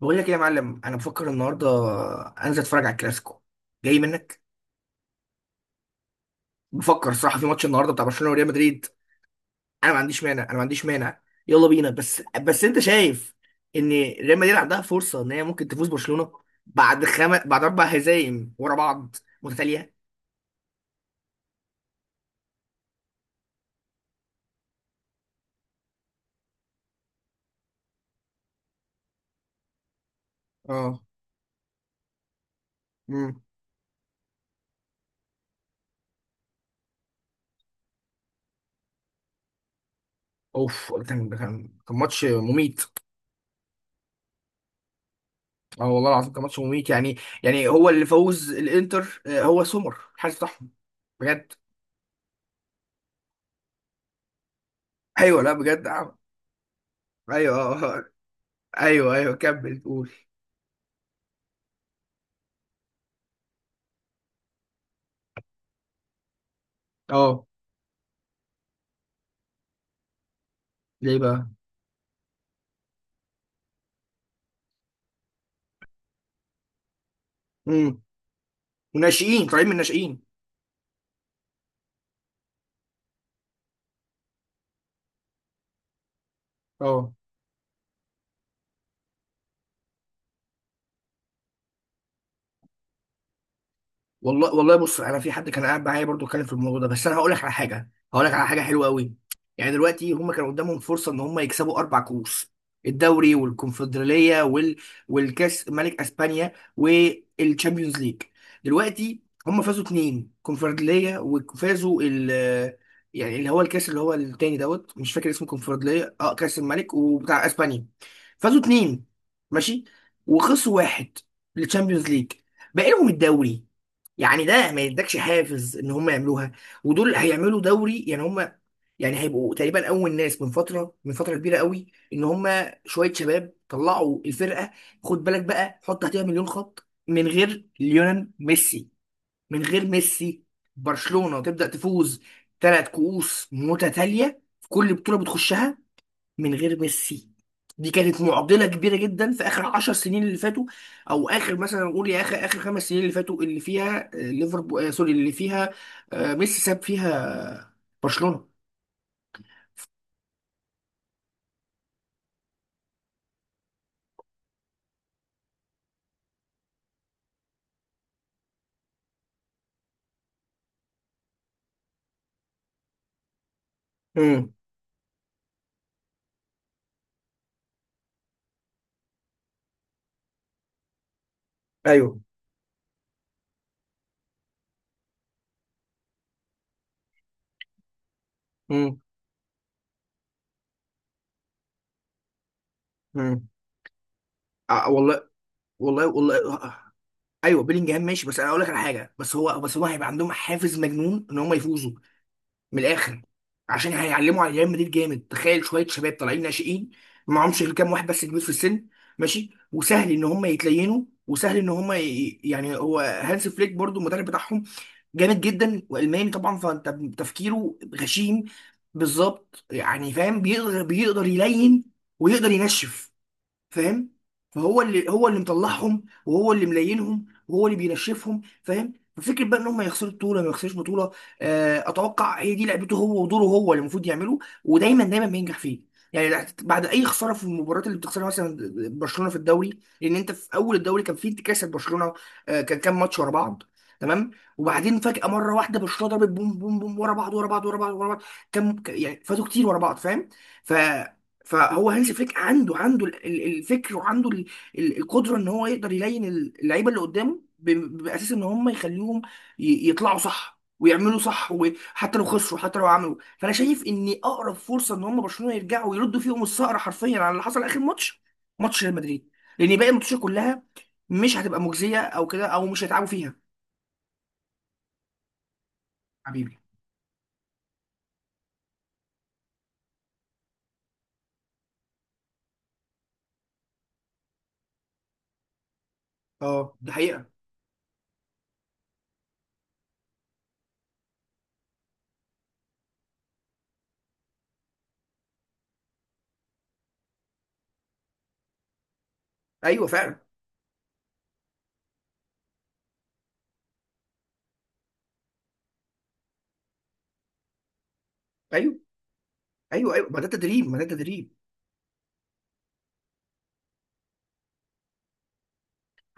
بقول لك ايه يا معلم، انا بفكر النهارده انزل اتفرج على الكلاسيكو. جاي منك. بفكر الصراحه في ماتش النهارده بتاع برشلونه وريال مدريد. انا ما عنديش مانع، انا ما عنديش مانع. يلا بينا، بس انت شايف ان ريال مدريد عندها فرصه ان هي ممكن تفوز برشلونه بعد بعد 4 هزايم ورا بعض متتاليه. اه. امم. اوف، ده كان ماتش مميت. اه والله العظيم كان ماتش مميت يعني. يعني هو اللي فوز الانتر، هو سومر الحارس بتاعهم بجد. ايوه لا بجد آه. ايوه ايوه ايوه كمل قول. اه. ليه بقى. امم. وناشئين طالعين من الناشئين. اه والله والله، بص انا في حد كان قاعد معايا برضو اتكلم في الموضوع ده، بس انا هقول لك على حاجه، هقول لك على حاجه حلوه قوي. يعني دلوقتي هم كان قدامهم فرصه ان هم يكسبوا 4 كؤوس: الدوري والكونفدراليه والكاس ملك اسبانيا والتشامبيونز ليج. دلوقتي هم فازوا اتنين كونفدراليه، وفازوا ال، يعني اللي هو الكاس اللي هو التاني دوت، مش فاكر اسمه كونفدراليه، اه، كاس الملك وبتاع اسبانيا. فازوا اتنين ماشي، وخسروا واحد للتشامبيونز ليج. بقالهم الدوري. يعني ده ما يدكش حافز ان هم يعملوها، ودول هيعملوا دوري يعني. هم يعني هيبقوا تقريبا اول ناس من فتره، من فتره كبيره قوي، ان هم شويه شباب طلعوا الفرقه. خد بالك بقى، حط تحتها مليون خط، من غير ليونel ميسي، من غير ميسي برشلونه تبدا تفوز 3 كؤوس متتاليه في كل بطوله بتخشها، من غير ميسي. دي كانت معضله كبيره جدا في اخر 10 سنين اللي فاتوا، او اخر مثلا نقول يا اخر، اخر 5 سنين اللي فاتوا، اللي فيها ليفربول، سوري اللي فيها ميسي ساب فيها برشلونه. امم. ايوه. امم. امم. آه والله. والله والله آه. آه، آه. ايوه بيلينجهام ماشي، بس انا اقول لك على حاجه، بس هو، بس هو هيبقى عندهم حافز مجنون ان هم يفوزوا من الاخر، عشان هيعلموا على ريال مدريد جامد. تخيل شويه شباب طالعين ناشئين، معهمش غير كام واحد بس كبير في السن، ماشي، وسهل ان هم يتلينوا وسهل ان هم يعني. هو هانس فليك برضو المدرب بتاعهم جامد جدا، والماني طبعا، فانت تفكيره غشيم. بالظبط، يعني فاهم، بيقدر يلين ويقدر ينشف، فاهم. فهو اللي هو، اللي مطلعهم، وهو اللي ملاينهم، وهو اللي بينشفهم، فاهم. ففكرة بقى ان هم يخسروا بطوله ما يخسروش بطوله، اتوقع هي دي لعبته هو ودوره هو اللي المفروض يعمله، ودايما بينجح فيه. يعني بعد اي خساره في المباريات اللي بتخسرها مثلا برشلونه في الدوري، لان انت في اول الدوري كان في انتكاسه برشلونه، كان كام ماتش ورا بعض. تمام. وبعدين فجاه مره واحده برشلونه ضربت بوم بوم بوم، ورا بعض ورا بعض ورا بعض ورا بعض. كان يعني فاتوا كتير ورا بعض، فاهم. ف فهو هانز فليك عنده، الفكر، وعنده القدره ان هو يقدر يلين اللعيبه اللي قدامه باساس ان هم يخليهم يطلعوا صح ويعملوا صح، وحتى لو خسروا حتى لو عملوا. فانا شايف ان اقرب فرصه ان هم برشلونه يرجعوا ويردوا فيهم الثأر حرفيا على اللي حصل اخر ماتش، ماتش ريال مدريد، لان باقي الماتشات كلها مش هتبقى مجزيه او كده، او مش هيتعبوا فيها. حبيبي. اه ده حقيقه. ايوه فعلا. ايوه ايوه ايوه، ما ده تدريب، ما ده تدريب.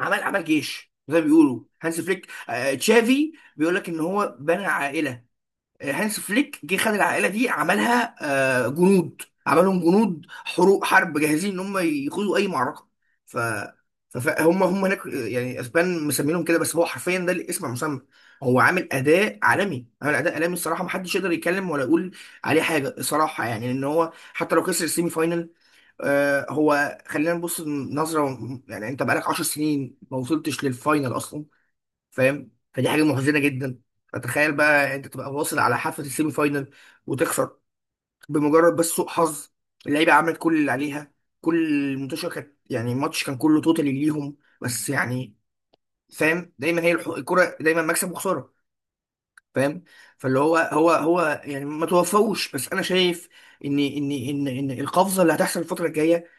عمل، عمل جيش زي ما بيقولوا هانس فليك. آه تشافي بيقول لك ان هو بنى عائله، هانس فليك جه خد العائله دي عملها آه جنود، عملهم جنود حروب، حرب جاهزين ان هم يخوضوا اي معركه. ف فهم هناك، يعني اسبان مسمينهم كده بس هو حرفيا ده الاسم المسمى. هو عامل اداء عالمي، عامل اداء عالمي الصراحه، محدش يقدر يتكلم ولا يقول عليه حاجه الصراحه، يعني ان هو حتى لو خسر السيمي فاينل. هو خلينا نبص نظرة، يعني انت بقالك 10 سنين ما وصلتش للفاينل اصلا، فاهم، فدي حاجة محزنة جدا. فتخيل بقى انت تبقى واصل على حافة السيمي فاينل وتخسر بمجرد بس سوء حظ، اللعيبة عملت كل اللي عليها، كل الماتش كانت يعني، الماتش كان كله توتالي ليهم، بس يعني فاهم، دايما هي الكرة دايما مكسب وخسارة، فاهم. فاللي هو، هو يعني ما توفوش، بس انا شايف ان ان القفزة اللي هتحصل الفترة الجاية،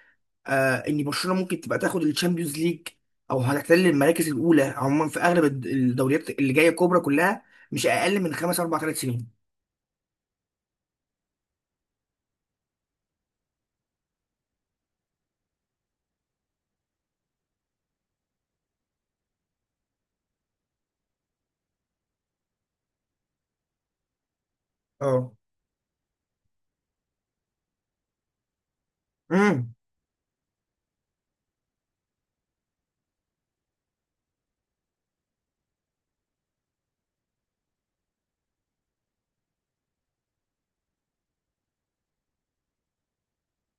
آه ان برشلونه ممكن تبقى تاخد الشامبيونز ليج، او هتحتل المراكز الاولى عموما في اغلب الدوريات اللي جايه الكبرى كلها، مش اقل من خمس، اربع، ثلاث سنين. اه. امم.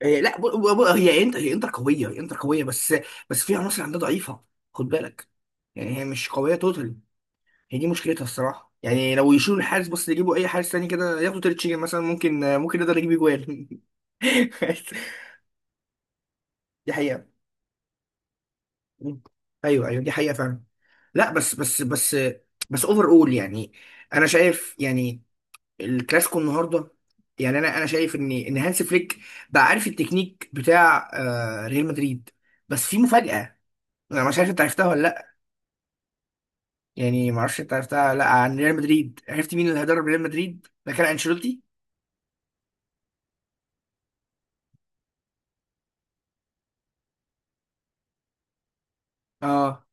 إيه لا، هي انتر، هي انتر قويه، هي انتر قويه بس، بس في عناصر عندها ضعيفه، خد بالك. يعني هي مش قويه توتال، هي دي مشكلتها الصراحه، يعني لو يشيلوا الحارس بس، يجيبوا اي حارس تاني كده، ياخدوا تريتشيجن مثلا، ممكن يقدر يجيب اجوال. دي حقيقه. مم. ايوه ايوه دي حقيقه فعلا. لا بس اوفر اول، يعني انا شايف يعني الكلاسيكو النهارده، يعني انا شايف ان هانس فليك بقى عارف التكنيك بتاع آه ريال مدريد، بس في مفاجاه. انا مش عارف انت عرفتها ولا لا، يعني ما اعرفش انت عرفتها ولا لا عن ريال مدريد. عرفت مين اللي هيدرب ريال مدريد مكان انشيلوتي؟ اه.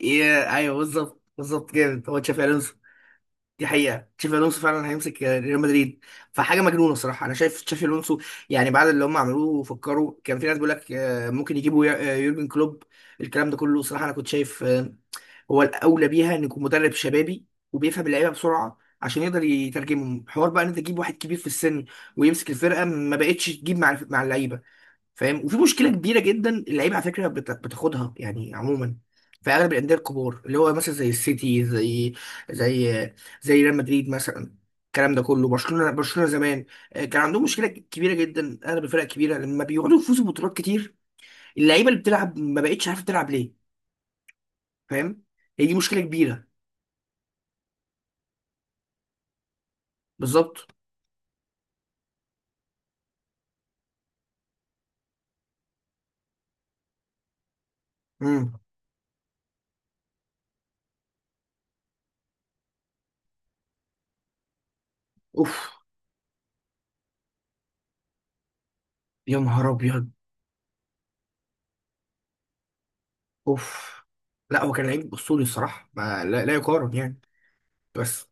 إيه. ايوه بالظبط بالظبط، جامد، هو تشافي الونسو. دي حقيقة، تشافي الونسو فعلا هيمسك ريال مدريد، فحاجة مجنونة الصراحة. أنا شايف تشافي الونسو، يعني بعد اللي هم عملوه فكروا، كان في ناس بيقول لك ممكن يجيبوا يورجن كلوب، الكلام ده كله. صراحة أنا كنت شايف آه، هو الأولى بيها إن يكون مدرب شبابي وبيفهم اللعيبة بسرعة عشان يقدر يترجمهم. حوار بقى إن أنت تجيب واحد كبير في السن ويمسك الفرقة، ما بقتش تجيب مع، اللعيبة، فاهم. وفي مشكله كبيره جدا، اللعيبه على فكره بتاخدها يعني عموما في اغلب الانديه الكبار، اللي هو مثلا زي السيتي، زي، زي زي ريال مدريد مثلا، الكلام ده كله. برشلونه، برشلونه زمان كان عندهم مشكله كبيره جدا، اغلب الفرق الكبيره لما بيقعدوا يفوزوا ببطولات كتير، اللعيبه اللي بتلعب ما بقتش عارفه تلعب ليه، فاهم. هي دي مشكله كبيره. بالظبط. امم. اوف. يا نهار ابيض. اوف. لا هو كان لعيب اسطوري الصراحه، ما لا, لا يقارن يعني. بس.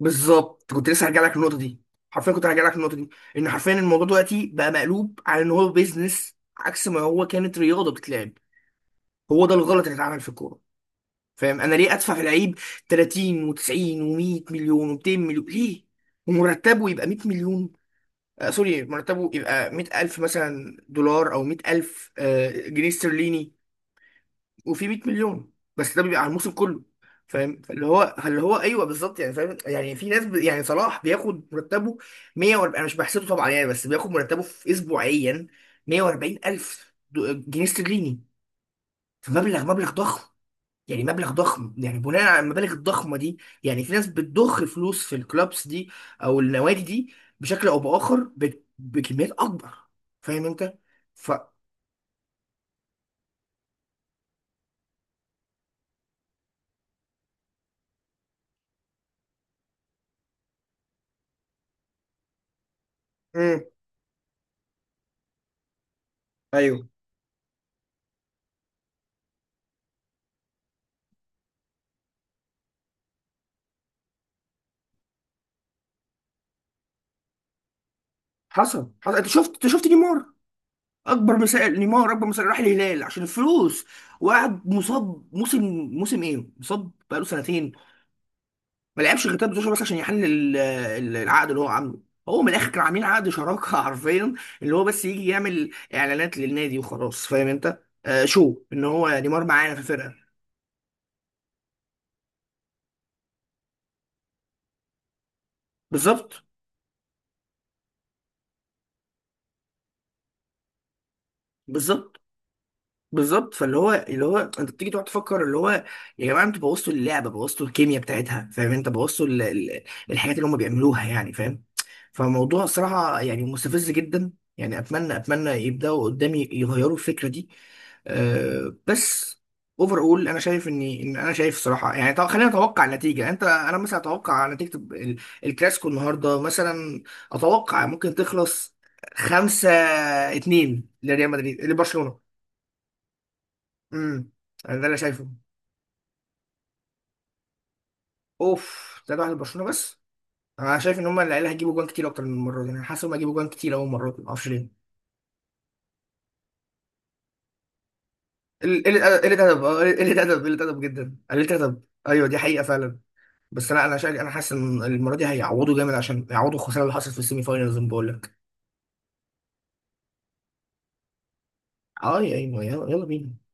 بالظبط، كنت لسه هرجع لك النقطه دي، حرفيا كنت هرجع لك النقطه دي. ان حرفيا الموضوع دلوقتي بقى مقلوب على ان هو بيزنس، عكس ما هو كانت رياضه بتتلعب. هو ده الغلط اللي اتعمل في الكوره، فاهم. انا ليه ادفع في لعيب 30 و90 و100 مليون و200 مليون؟ ليه ومرتبه يبقى 100 مليون؟ آه سوري، مرتبه يبقى 100,000 مثلا دولار، او 100,000 آه جنيه استرليني. وفي 100 مليون، بس ده بيبقى على الموسم كله، فاهم. فاللي هو، اللي هو، ايوه بالظبط، يعني فاهم. يعني في ناس يعني صلاح بياخد مرتبه 140، انا مش بحسبه طبعا يعني، بس بياخد مرتبه في اسبوعيا 140 الف جنيه استرليني، فمبلغ، مبلغ ضخم. يعني مبلغ ضخم، يعني بناء على المبالغ الضخمه دي، يعني في ناس بتضخ فلوس في الكلابس دي او النوادي دي بشكل او باخر بكميات اكبر، فاهم انت. ف امم. ايوه. حصل حصل، انت شفت، انت شفت نيمار؟ اكبر مثال نيمار، اكبر مثال، راح الهلال عشان الفلوس وقعد مصاب موسم، موسم ايه، مصاب بقاله سنتين. ما لعبش غير 13 بس عشان يحل العقد اللي هو عامله. هو من الاخر كانوا عاملين عقد شراكه حرفيا، اللي هو بس يجي يعمل اعلانات للنادي وخلاص، فاهم انت، آه شو ان هو نيمار معانا في الفرقه. بالظبط بالظبط بالظبط. فاللي هو، اللي هو، انت بتيجي تقعد تفكر اللي هو، يا جماعه انتوا بوظتوا اللعبه، بوظتوا الكيمياء بتاعتها، فاهم انت، بوظتوا الحاجات اللي هم بيعملوها، يعني فاهم. فموضوع صراحة يعني مستفز جدا، يعني أتمنى، أتمنى يبدأوا قدامي يغيروا الفكرة دي. أه بس اوفر اول، انا شايف اني انا شايف صراحه يعني، طب خلينا نتوقع النتيجه. انت، انا مثلا اتوقع نتيجه الكلاسيكو النهارده مثلا، اتوقع ممكن تخلص 5-2، لريال مدريد لبرشلونه. امم. ده اللي أنا شايفه. اوف، 3 واحد لبرشلونه بس. انا شايف ان هم العيال هيجيبوا جوان كتير اكتر من المره دي، انا حاسس ان هم هيجيبوا جوان كتير، اول مره ما اعرفش ليه. قلة، قلة أدب، قلة أدب، قلة أدب جدا، قلة أدب، أيوه دي حقيقة فعلا. بس أنا شايف، أنا حاسس إن المرة دي هيعوضوا جامد عشان يعوضوا الخسارة اللي حصلت في السيمي فاينلز، بقول لك. أه أيوه يلا يلا بينا.